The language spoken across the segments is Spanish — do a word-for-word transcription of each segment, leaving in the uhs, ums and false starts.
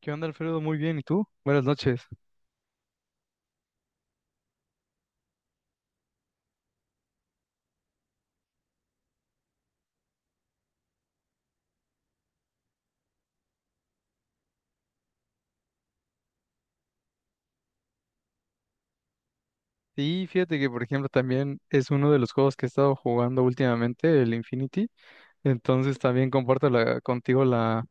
¿Qué onda, Alfredo? Muy bien, ¿y tú? Buenas noches. Sí, fíjate que, por ejemplo, también es uno de los juegos que he estado jugando últimamente, el Infinity. Entonces también comparto la- contigo la,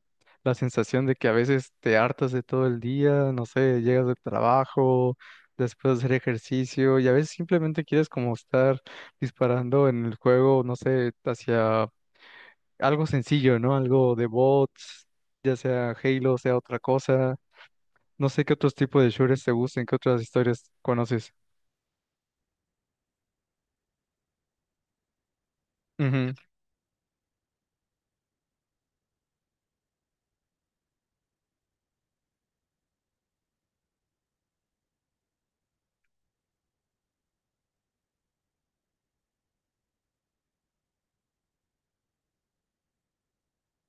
la sensación de que a veces te hartas de todo el día, no sé, llegas del trabajo, después de hacer ejercicio, y a veces simplemente quieres como estar disparando en el juego, no sé, hacia algo sencillo, ¿no? Algo de bots, ya sea Halo, sea otra cosa. No sé qué otros tipos de shooters te gusten, qué otras historias conoces. Ujú.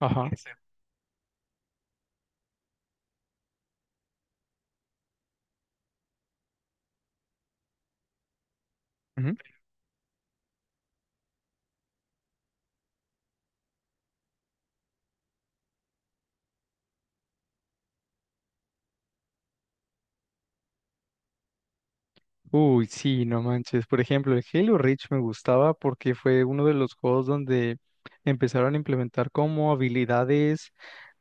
Ajá. Ujú. Uy, sí, no manches. Por ejemplo, el Halo Reach me gustaba porque fue uno de los juegos donde empezaron a implementar como habilidades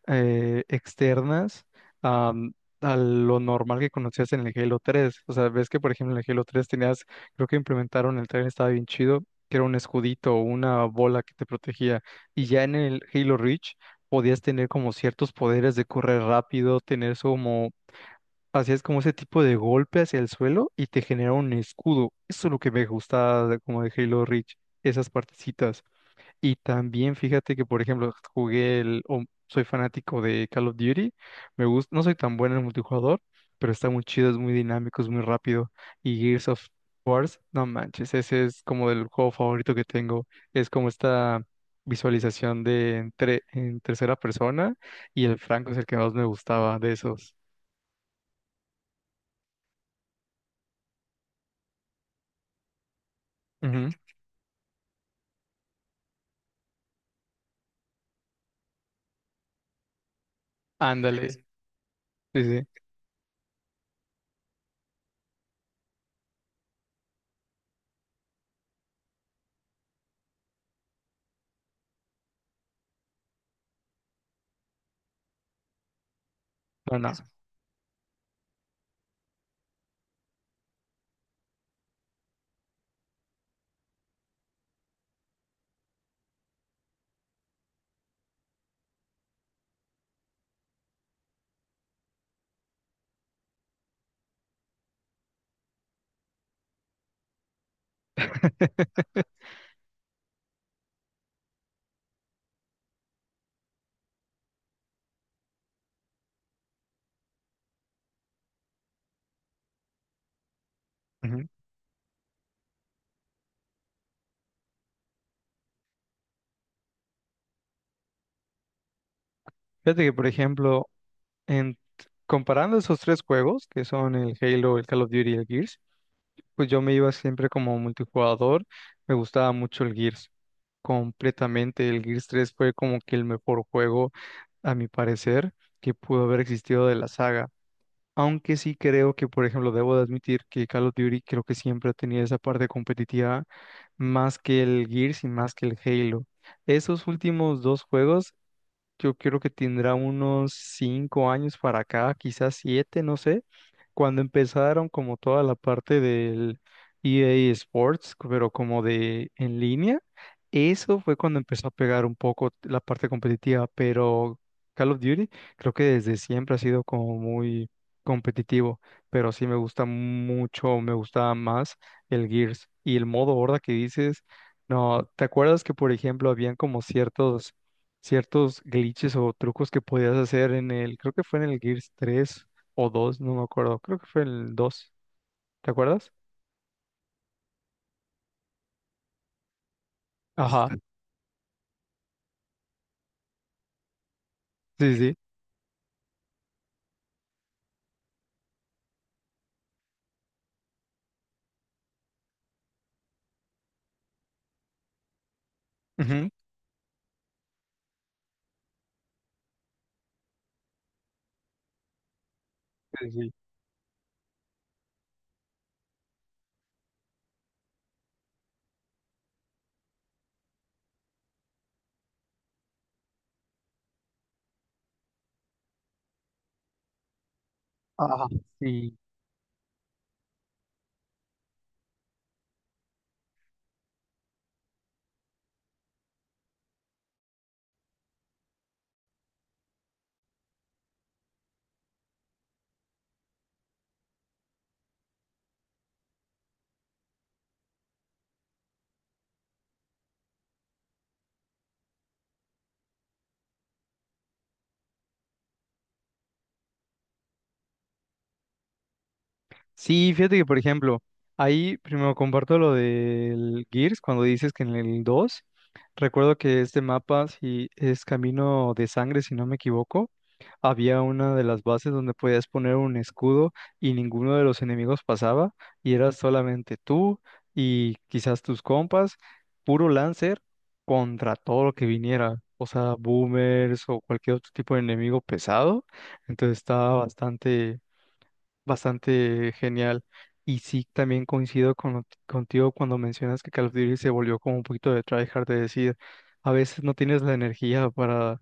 eh, externas am, a lo normal que conocías en el Halo tres. O sea, ves que, por ejemplo, en el Halo tres tenías, creo que implementaron el tren, estaba bien chido, que era un escudito o una bola que te protegía. Y ya en el Halo Reach podías tener como ciertos poderes de correr rápido, tener eso como, hacías como ese tipo de golpe hacia el suelo y te genera un escudo. Eso es lo que me gusta de- como de Halo Reach, esas partecitas. Y también fíjate que, por ejemplo, jugué el, o soy fanático de Call of Duty, me gusta, no soy tan bueno en el multijugador, pero está muy chido, es muy dinámico, es muy rápido. Y Gears of War, no manches, ese es como el juego favorito que tengo. Es como esta visualización de entre, en tercera persona y el Franco es el que más me gustaba de esos. Ujú. Ándale, sí, sí. No, no. Ujú. Fíjate que, por ejemplo, En, comparando esos tres juegos, que son el Halo, el Call of Duty y el Gears, pues yo me iba siempre como multijugador, me gustaba mucho el Gears, completamente. El Gears tres fue como que el mejor juego, a mi parecer, que pudo haber existido de la saga. Aunque sí creo que, por ejemplo, debo de admitir que Call of Duty creo que siempre ha tenido esa parte competitiva más que el Gears y más que el Halo. Esos últimos dos juegos yo creo que tendrá unos cinco años para acá, quizás siete, no sé, cuando empezaron como toda la parte del E A Sports, pero como de en línea, eso fue cuando empezó a pegar un poco la parte competitiva, pero Call of Duty creo que desde siempre ha sido como muy competitivo, pero sí me gusta mucho, me gustaba más el Gears y el modo horda que dices, no, ¿te acuerdas que por ejemplo habían como ciertos ciertos glitches o trucos que podías hacer en el, creo que fue en el Gears tres o dos, no me acuerdo, creo que fue el dos. ¿Te acuerdas? Ajá, sí, sí. Ujú. Sí, sí. Ajá, sí. Sí, fíjate que, por ejemplo, ahí primero comparto lo del Gears, cuando dices que en el dos, recuerdo que este mapa, si es Camino de Sangre, si no me equivoco, había una de las bases donde podías poner un escudo y ninguno de los enemigos pasaba y eras solamente tú y quizás tus compas, puro Lancer contra todo lo que viniera, o sea, boomers o cualquier otro tipo de enemigo pesado. Entonces estaba bastante, bastante genial. Y sí, también coincido con- contigo cuando mencionas que Call of Duty se volvió como un poquito de tryhard, de decir, a veces no tienes la energía para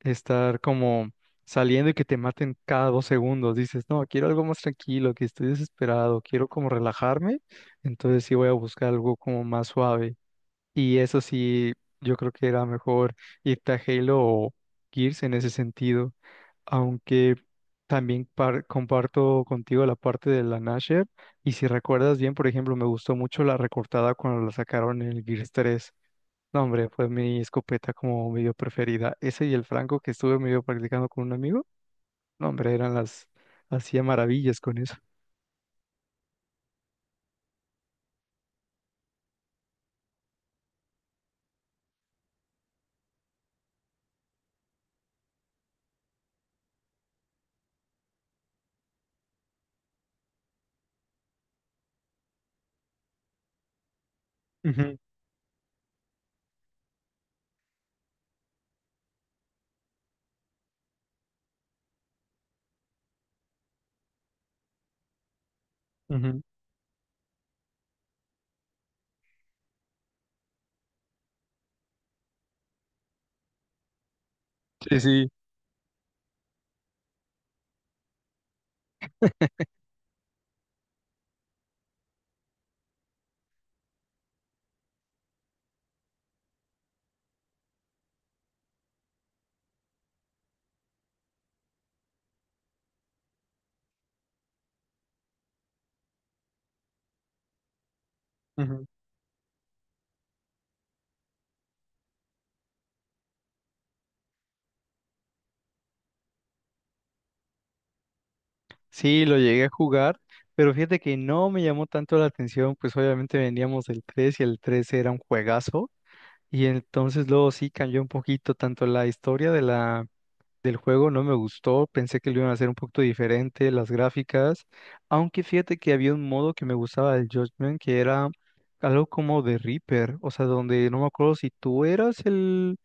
estar como saliendo y que te maten cada dos segundos. Dices, no, quiero algo más tranquilo, que estoy desesperado, quiero como relajarme, entonces sí voy a buscar algo como más suave. Y eso sí, yo creo que era mejor irte a Halo o Gears en ese sentido, aunque también par- comparto contigo la parte de la Nasher. Y si recuerdas bien, por ejemplo, me gustó mucho la recortada cuando la sacaron en el Gears tres. No, hombre, fue mi escopeta como medio preferida. Ese y el franco que estuve medio practicando con un amigo. No, hombre, eran las... Hacía maravillas con eso. Ujú, ujú. Sí, sí. Ujú. Sí, lo llegué a jugar, pero fíjate que no me llamó tanto la atención, pues obviamente veníamos del tres y el tres era un juegazo, y entonces luego sí cambió un poquito tanto la historia de la del juego, no me gustó, pensé que lo iban a hacer un poquito diferente, las gráficas, aunque fíjate que había un modo que me gustaba del Judgment, que era algo como de Reaper, o sea, donde no me acuerdo si tú eras el,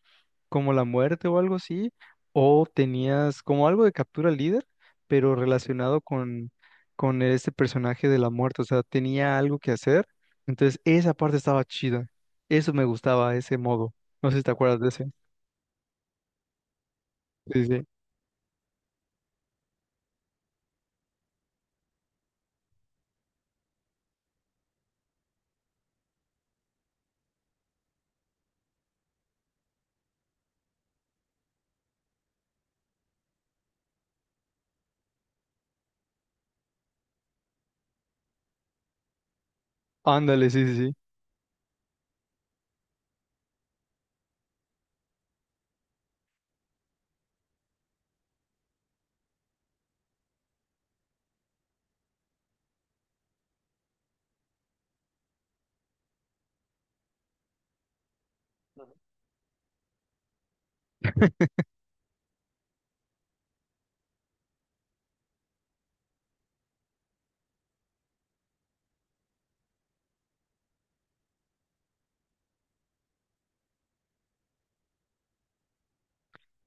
como la muerte o algo así, o tenías como algo de captura líder, pero relacionado con, con este personaje de la muerte, o sea, tenía algo que hacer, entonces esa parte estaba chida, eso me gustaba, ese modo, no sé si te acuerdas de ese. Sí, sí. Ándale, sí, sí, sí.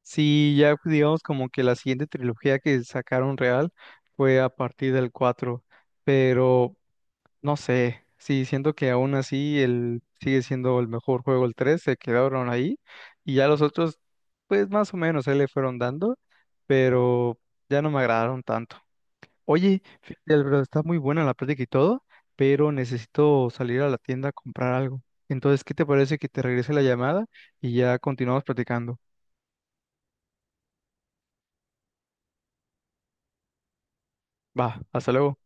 Sí, ya pues, digamos como que la siguiente trilogía que sacaron real fue a partir del cuatro, pero no sé, sí, siento que aún así el, sigue siendo el mejor juego, el tres, se quedaron ahí y ya los otros, pues más o menos, ahí le fueron dando, pero ya no me agradaron tanto. Oye, fíjate, Alfredo, está muy buena la plática y todo, pero necesito salir a la tienda a comprar algo. Entonces, ¿qué te parece que te regrese la llamada y ya continuamos platicando? Va, hasta luego.